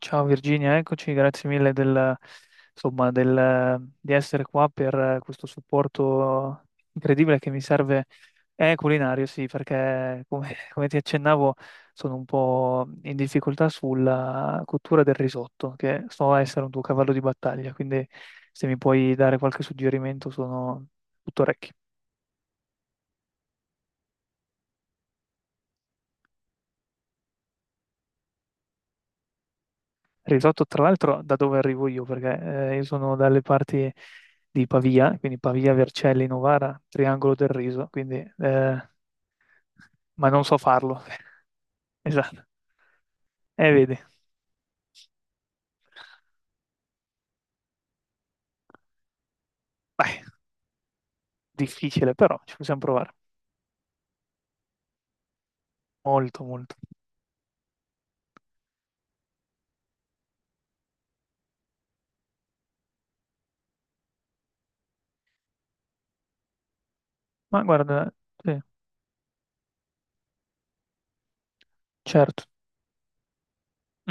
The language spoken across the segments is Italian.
Ciao Virginia, eccoci, grazie mille di essere qua per questo supporto incredibile che mi serve. È culinario, sì, perché come, come ti accennavo sono un po' in difficoltà sulla cottura del risotto, che so essere un tuo cavallo di battaglia, quindi se mi puoi dare qualche suggerimento sono tutto orecchi. Risotto, tra l'altro, da dove arrivo io, perché io sono dalle parti di Pavia, quindi Pavia, Vercelli, Novara, Triangolo del Riso, quindi, ma non so farlo. Esatto. E vedi. Beh, difficile, però ci possiamo provare. Molto, molto. Ma guarda, sì, certo.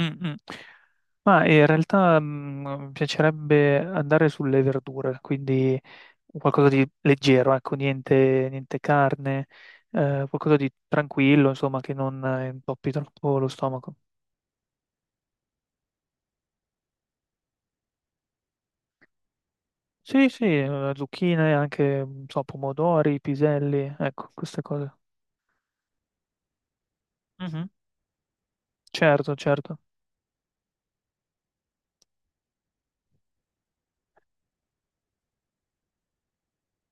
Mm, mm. Ma in realtà mi piacerebbe andare sulle verdure, quindi qualcosa di leggero, ecco, niente, niente carne, qualcosa di tranquillo, insomma, che non intoppi troppo lo stomaco. Sì, sì, zucchine, anche, non so, pomodori, piselli, ecco, queste cose. Mhm. Certo, certo.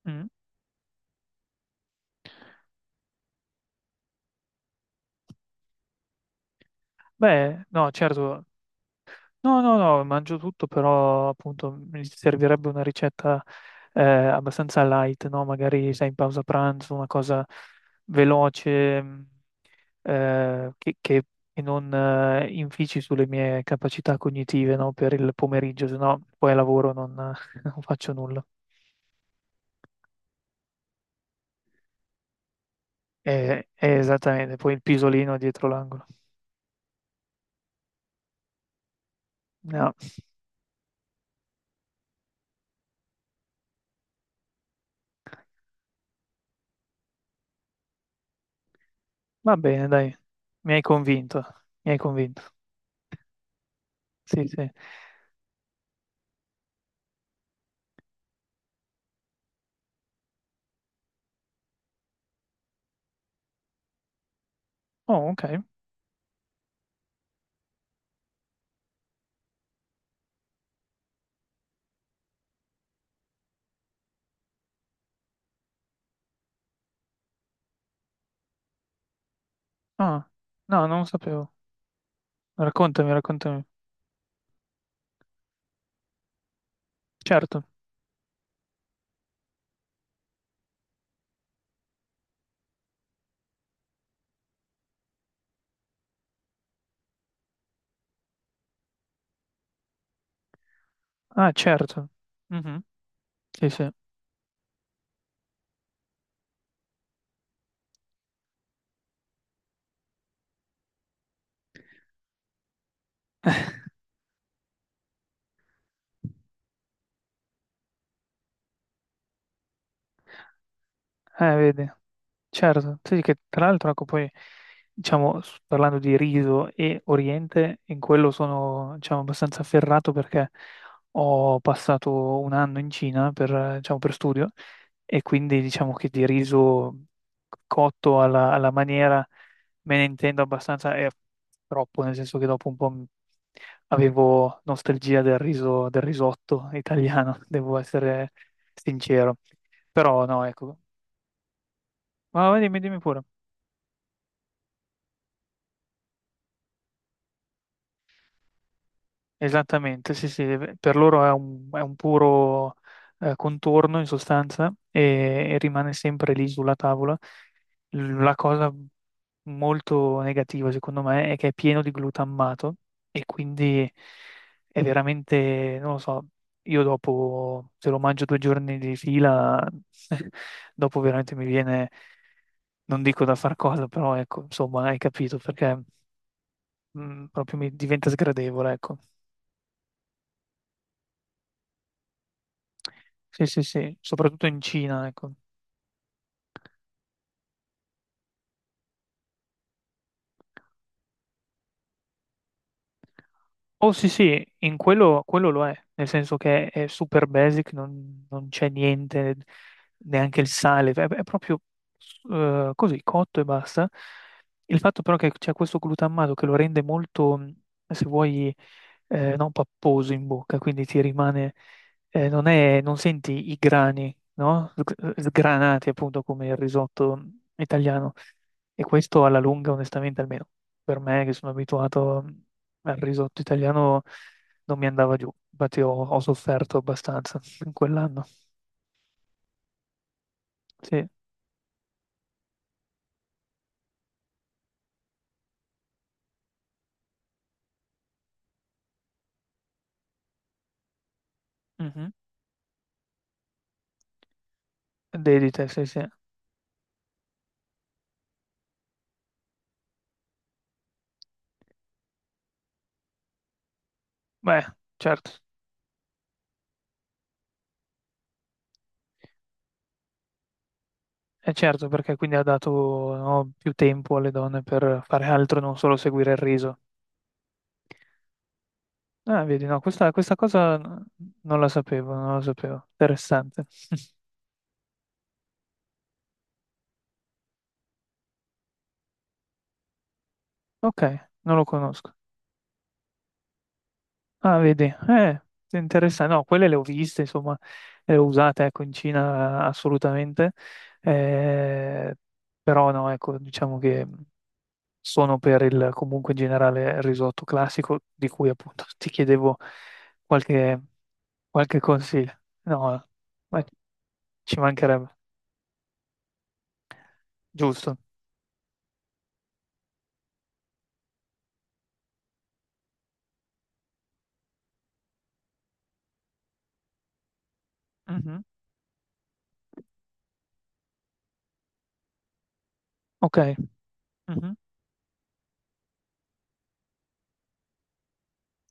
Mm. Beh, no, certo. No, no, no, mangio tutto, però appunto mi servirebbe una ricetta abbastanza light, no? Magari sei in pausa pranzo, una cosa veloce, eh, che, che- che non infici sulle mie capacità cognitive, no, per il pomeriggio, se no poi al lavoro non, non faccio nulla. Esattamente, poi il pisolino dietro l'angolo. No, va bene, dai, mi hai convinto, mi hai convinto. Sì, sì. Oh, ok. Ah, no, non lo sapevo. Raccontami, raccontami. Certo. Ah, certo. Mhm. Sì, sì. Vedi. Certo, sì, che tra l'altro, ecco, poi, diciamo, parlando di riso e Oriente, in quello sono, diciamo, abbastanza afferrato perché ho passato un anno in Cina per, diciamo, per studio e quindi diciamo che di riso cotto alla maniera me ne intendo abbastanza e troppo, nel senso che dopo un po' avevo nostalgia del riso, del risotto italiano, devo essere sincero. Però no, ecco. Ma vai, dimmi, dimmi pure. Esattamente, sì, sì, per loro è un puro contorno in sostanza e rimane sempre lì sulla tavola. La cosa molto negativa, secondo me, è che è pieno di glutammato e quindi è veramente, non lo so, io dopo, se lo mangio due giorni di fila, dopo veramente mi viene, non dico da far cosa, però ecco, insomma, hai capito perché proprio mi diventa sgradevole, ecco. Sì, sì, sì, soprattutto in Cina, ecco. Oh, sì, sì, in quello, quello lo è, nel senso che è super basic, non, non c'è niente, neanche il sale, è proprio così, cotto e basta. Il fatto però che c'è questo glutammato che lo rende molto, se vuoi, non papposo in bocca, quindi ti rimane, non senti i grani, no? Sgranati appunto come il risotto italiano. E questo alla lunga, onestamente, almeno per me che sono abituato. Il risotto italiano non mi andava giù, infatti ho sofferto abbastanza in quell'anno. Sì, mhm. Dedite, sì, sì. Beh, certo, è certo perché quindi ha dato, no, più tempo alle donne per fare altro, non solo seguire il riso. Ah, vedi, no, questa, non la sapevo, non la sapevo. Interessante. Ok, non lo conosco. Ah, vedi, interessante. No, quelle le ho viste, insomma, le ho usate, ecco, in Cina assolutamente. Eh, però no, ecco, diciamo che sono per il, comunque in generale, il risotto classico, di cui appunto ti chiedevo qualche, qualche consiglio. No, ma ci mancherebbe, giusto. Mhm. Ok, mhm.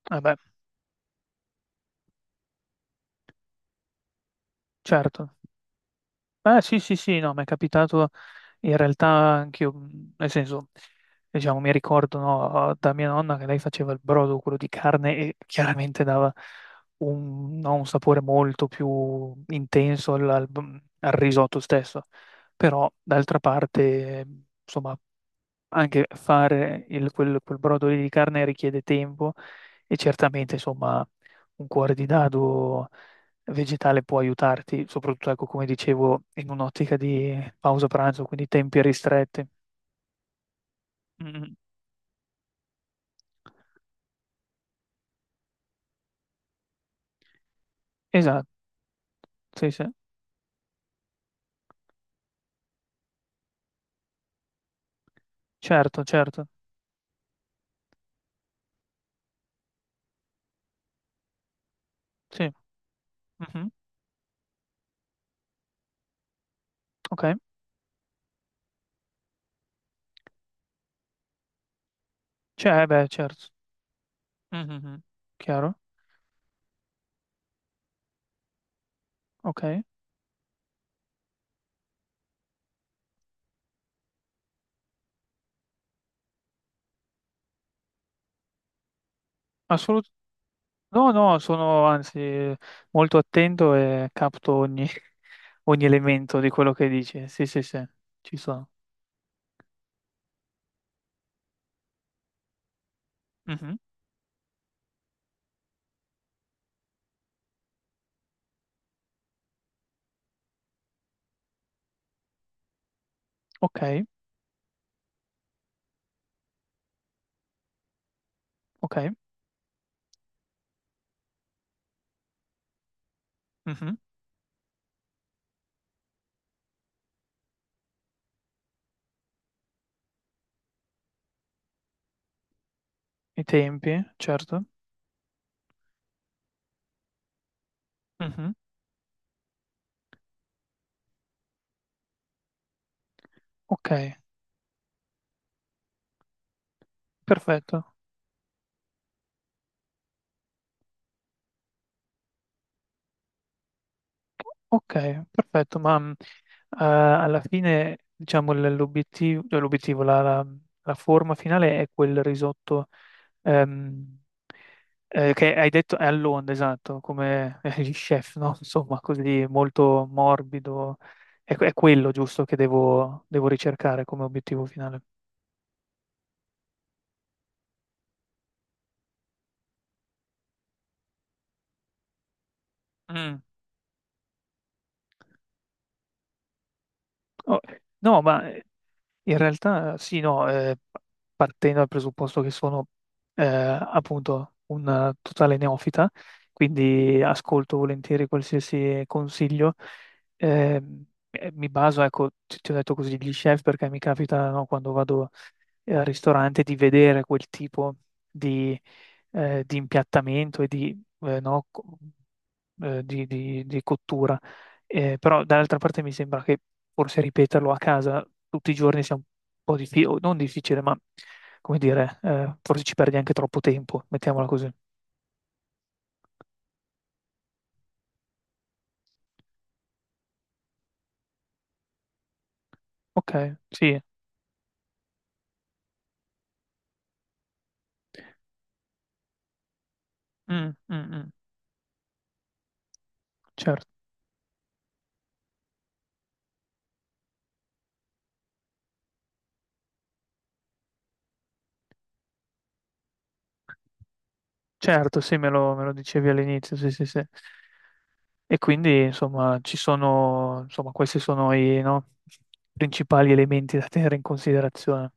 Vabbè, certo. Ah, sì, sì, sì, no, mi è capitato. In realtà anch'io, nel senso, diciamo, mi ricordo, no, da mia nonna che lei faceva il brodo, quello di carne, e chiaramente dava un, no, un sapore molto più intenso al risotto stesso. Però, d'altra parte, eh, insomma, anche fare quel, quel brodo lì di carne richiede tempo e certamente, insomma, un cuore di dado vegetale può aiutarti, soprattutto, ecco, come dicevo, in un'ottica di pausa pranzo, quindi tempi ristretti. Mm, esatto, sì, sì, certo, certo, sì, mhm, ok, cioè, beh, certo, mhm, chiaro, ok, assolutamente, no, no, sono anzi molto attento e capto ogni, ogni elemento di quello che dici, sì, sì, sì, ci sono, mhm. Ok, ok, mhm. I tempi, certo. Mhm. Ok, perfetto. Ok, perfetto, ma alla fine, diciamo, l'obiettivo, cioè l'obiettivo, la forma finale è quel risotto ehm, che hai detto è all'onda, esatto, come gli chef, no? Insomma, così molto morbido. È quello giusto che devo ricercare come obiettivo finale. Mm. Oh, no, ma in realtà sì, no, partendo dal presupposto che sono appunto un totale neofita, quindi ascolto volentieri qualsiasi consiglio. eh, mi baso, ecco, ti ho detto così, gli chef perché mi capita no, quando vado al ristorante di vedere quel tipo di, di impiattamento e di, no, co- di cottura. Però dall'altra parte mi sembra che forse ripeterlo a casa tutti i giorni sia un po' difficile, non difficile, ma come dire, forse ci perdi anche troppo tempo, mettiamola così. Ok, sì, mm, mm, mm, certo. Certo, sì, me lo dicevi all'inizio, sì, sì, sì. E quindi, insomma, ci sono, insomma, questi sono i, no, principali elementi da tenere in considerazione.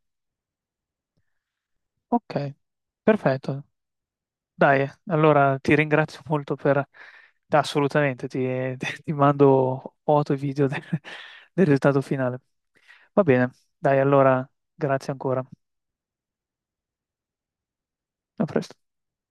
Ok, perfetto. Dai, allora ti ringrazio molto per... Assolutamente, ti, ti mando foto e video del, del risultato finale. Va bene, dai, allora, grazie ancora. A presto.